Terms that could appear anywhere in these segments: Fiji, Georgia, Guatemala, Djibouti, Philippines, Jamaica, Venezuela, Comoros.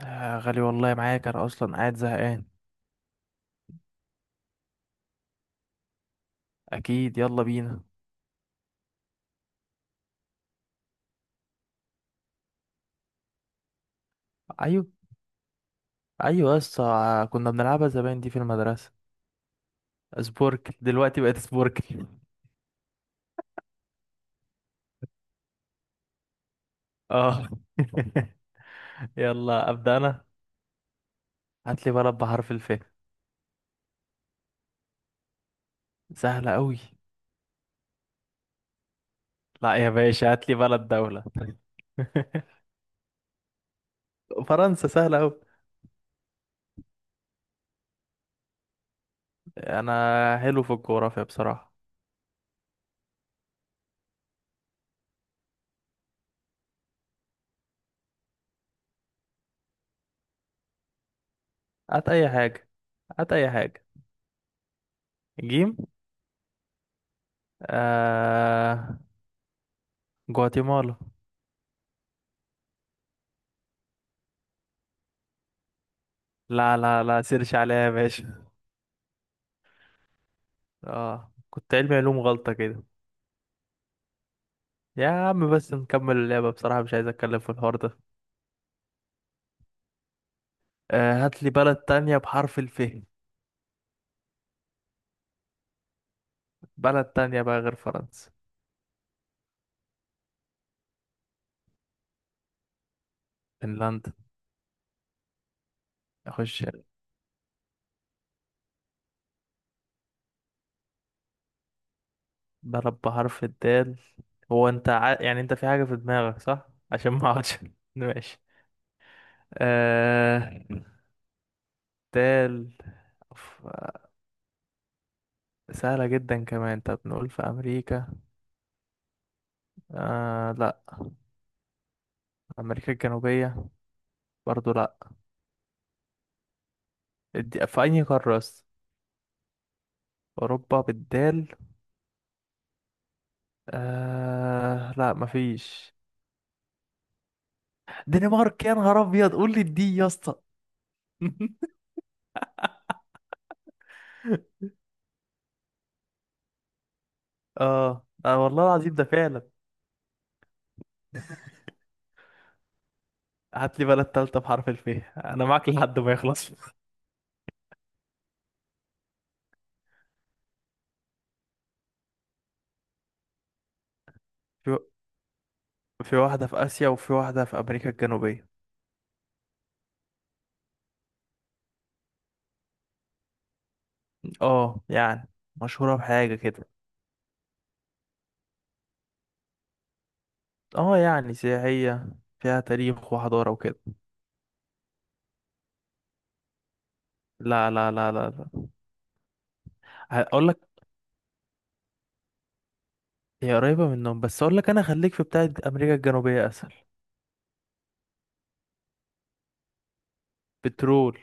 آه، غالي والله معاك، انا اصلا قاعد زهقان. اكيد، يلا بينا. ايوه، ايوه، يس. كنا بنلعبها زمان دي في المدرسه. سبوركل دلوقتي بقت سبوركل، اه. يلا، ابدا انا. هات لي بلد بحرف الف. سهله قوي. لا يا باشا، هات لي بلد دوله. فرنسا سهله قوي. انا حلو في الجغرافيا بصراحه. هات اي حاجه. هات اي حاجه. جيم. آه... جواتيمالا. لا، لا، لا، سيرش عليها يا باشا. اه، كنت علمي علوم غلطة كده. يا عم بس نكمل اللعبة بصراحة، مش عايز اتكلم في الحوار ده. آه، هات لي بلد تانية بحرف الف. بلد تانية بقى غير فرنسا. فنلندا. اخش. بلد بحرف الدال. هو انت يعني انت في حاجة في دماغك صح، عشان ما اقعدش. ماشي. آه، دال. أف- سهلة جدا كمان. طب نقول في امريكا. آه، لا، امريكا الجنوبية. برضو لا. دي في اي قارة أصلاً؟ اوروبا بالدال. آه، لا مفيش. دنمارك، يا نهار ابيض قول لي الدي يا اسطى. اه، آه، والله العظيم ده فعلا. هات لي بلد تالتة بحرف الف. انا معاك لحد ما يخلص. في في واحدة في آسيا وفي واحدة في أمريكا الجنوبية. اه، يعني مشهورة بحاجة كده. اه، يعني سياحية. فيها تاريخ وحضارة وكده. لا، لا، لا، لا، لا. هقول لك. هي قريبة منهم، بس اقول لك انا خليك في بتاعة أمريكا الجنوبية اسهل. بترول.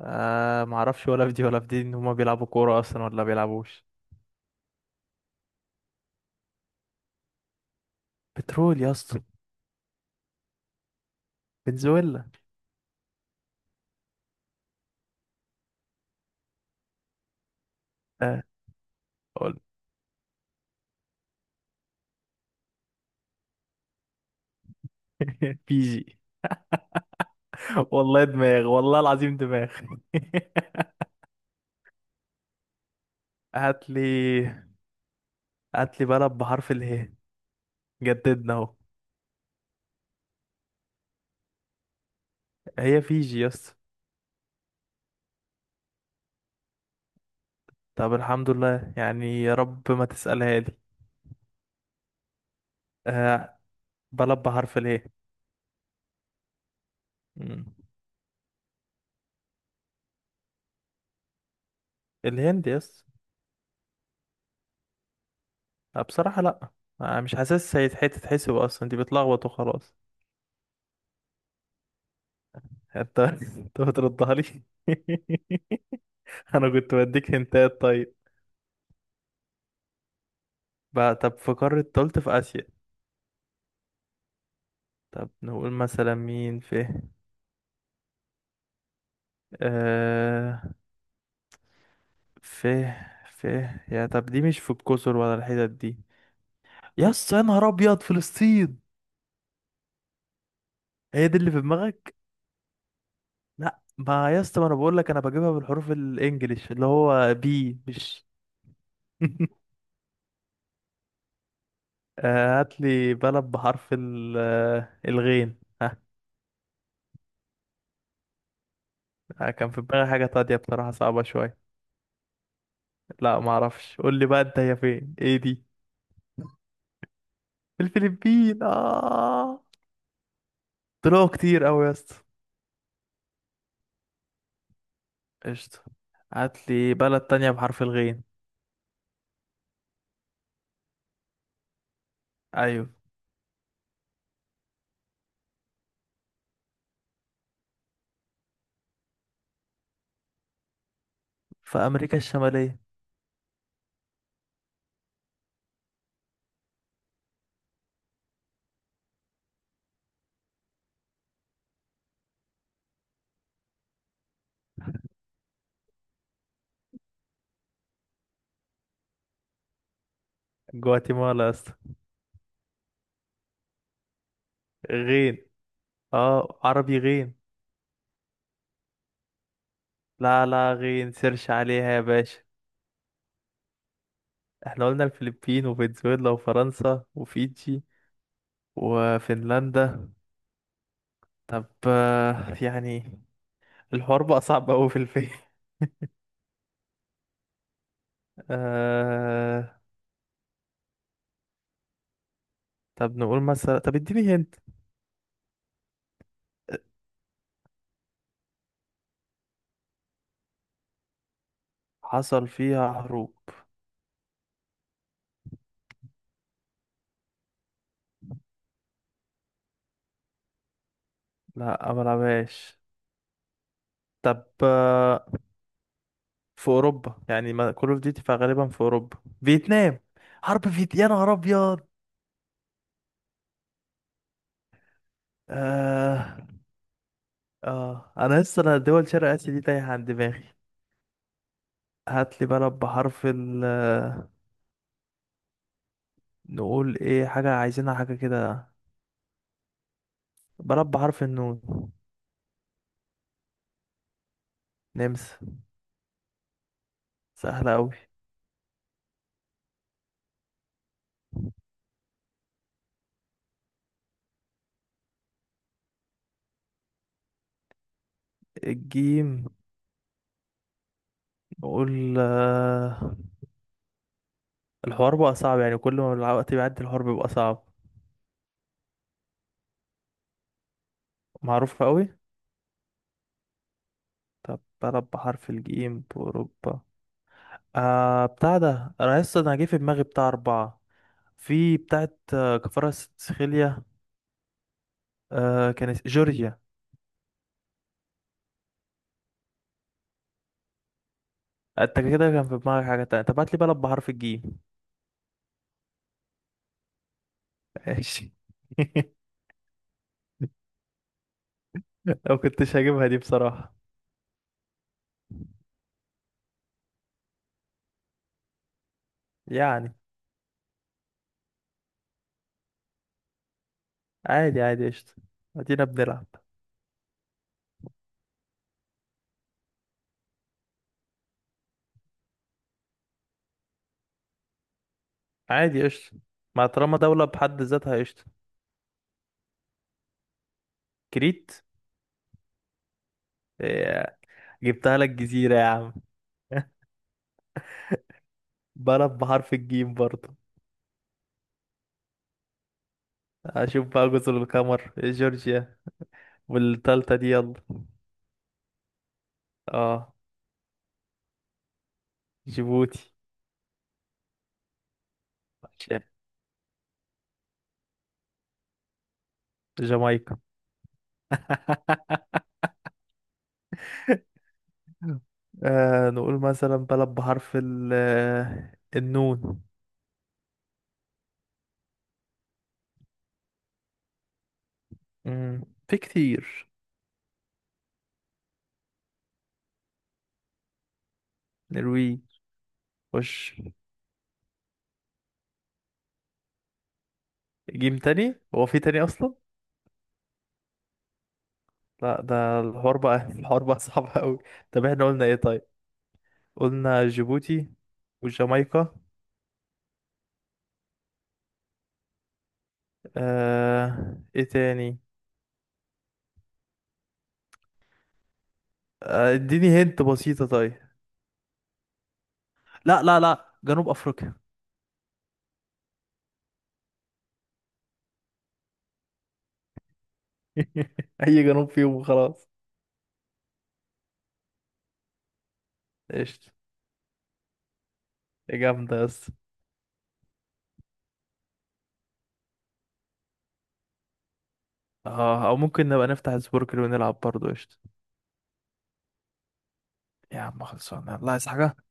آه، ما اعرفش ولا في دي ولا في دي، ان هما بيلعبوا كوره اصلا ولا بيلعبوش. بترول يا اسطى. فنزويلا. اه، قول. بيجي. والله دماغ، والله العظيم دماغ. هات لي هات لي بلد بحرف اله. جددنا اهو. هي فيجي يا اسطى. طب الحمد لله يعني، يا رب ما تسألها لي. آه، بلد بحرف اله. مم. الهند يا اسطى. آه، بصراحة لا. مش حاسس هيتحسب اصلا، دي بتلخبط وخلاص. انت بتردها لي. انا كنت بديك هنتات، طيب. بقى طب في قارة تالت في اسيا. طب نقول مثلا مين في. آه في في يا طب، دي مش في الجزر ولا الحتت دي. يا اسطى، يا نهار ابيض، فلسطين. هي دي اللي في دماغك؟ لا، ما يا اسطى، ما انا بقول لك انا بجيبها بالحروف الانجليش اللي هو بي، مش. آه، هات لي بلد بحرف الغين، ها؟ كان في دماغي حاجة تانية بصراحة، صعبة شوية. لا، ما اعرفش، قول لي بقى انت، هي فين، ايه دي؟ الفلبين، اه. طلعوا كتير قوي يا اسطى. قشطة. هات لي بلد تانية بحرف الغين. ايوه. في امريكا الشمالية. جواتيمالا يا اسطى. غين، اه، عربي غين. لا، لا غين، سيرش عليها يا باشا. احنا قلنا الفلبين وفنزويلا وفرنسا وفيجي وفنلندا. طب، يعني الحوار بقى صعب قوي في الفيلم. آه... طب نقول مثلا، طب اديني هنت. حصل فيها حروب. لا، ما بلعبهاش. طب، في اوروبا يعني، ما كول اوف ديوتي فغالبا في اوروبا. فيتنام. حرب فيت، يا نهار ابيض. آه. آه أنا لسه دول شرق آسيا دي تايهة عن دماغي. هات لي بلد بحرف ال، نقول إيه، حاجة عايزينها حاجة كده. بلد بحرف النون. نمسا. سهلة أوي. الجيم. نقول الحوار بقى صعب يعني، كل ما الوقت بيعدي الحوار بيبقى صعب. معروفة أوي. طب بلد بحرف الجيم بأوروبا. بتاع ده، أنا لسه جه في دماغي بتاع أربعة. في بتاعت كفارة سخيليا. آه، كانت جورجيا. آه، أنت كده كان في دماغك حاجة تانية، طب هات لي بلد بحرف الجيم. ماشي. لو كنتش هجيبها دي بصراحة. يعني، عادي عادي، قشطة. أدينا بنلعب. عادي قشطة. ما طالما دولة بحد ذاتها، قشطة. كريت. آه، جبتها لك جزيرة يا عم. بلد بحرف الجيم برضه. اشوف بقى، جزر القمر، جورجيا. والتالتة دي يلا. اه. جيبوتي. جامايكا. آه، نقول مثلا بلد بحرف ال النون. في كتير. نرويج. وش. جيم تاني؟ هو في تاني اصلا؟ لا، ده الحوار بقى. الحوار بقى صعب قوي. طب، احنا قلنا ايه؟ طيب. قلنا جيبوتي وجامايكا. آه، ايه تاني؟ آه، اديني هنت بسيطة طيب. لا، لا، لا، جنوب افريقيا. اي جنوب فيهم وخلاص. قشطة. يا جامدة يا اسطى. اه، او ممكن نبقى نفتح سبوركل ونلعب برضه، قشطة. يا عم خلصانه، الله، عايز حاجه؟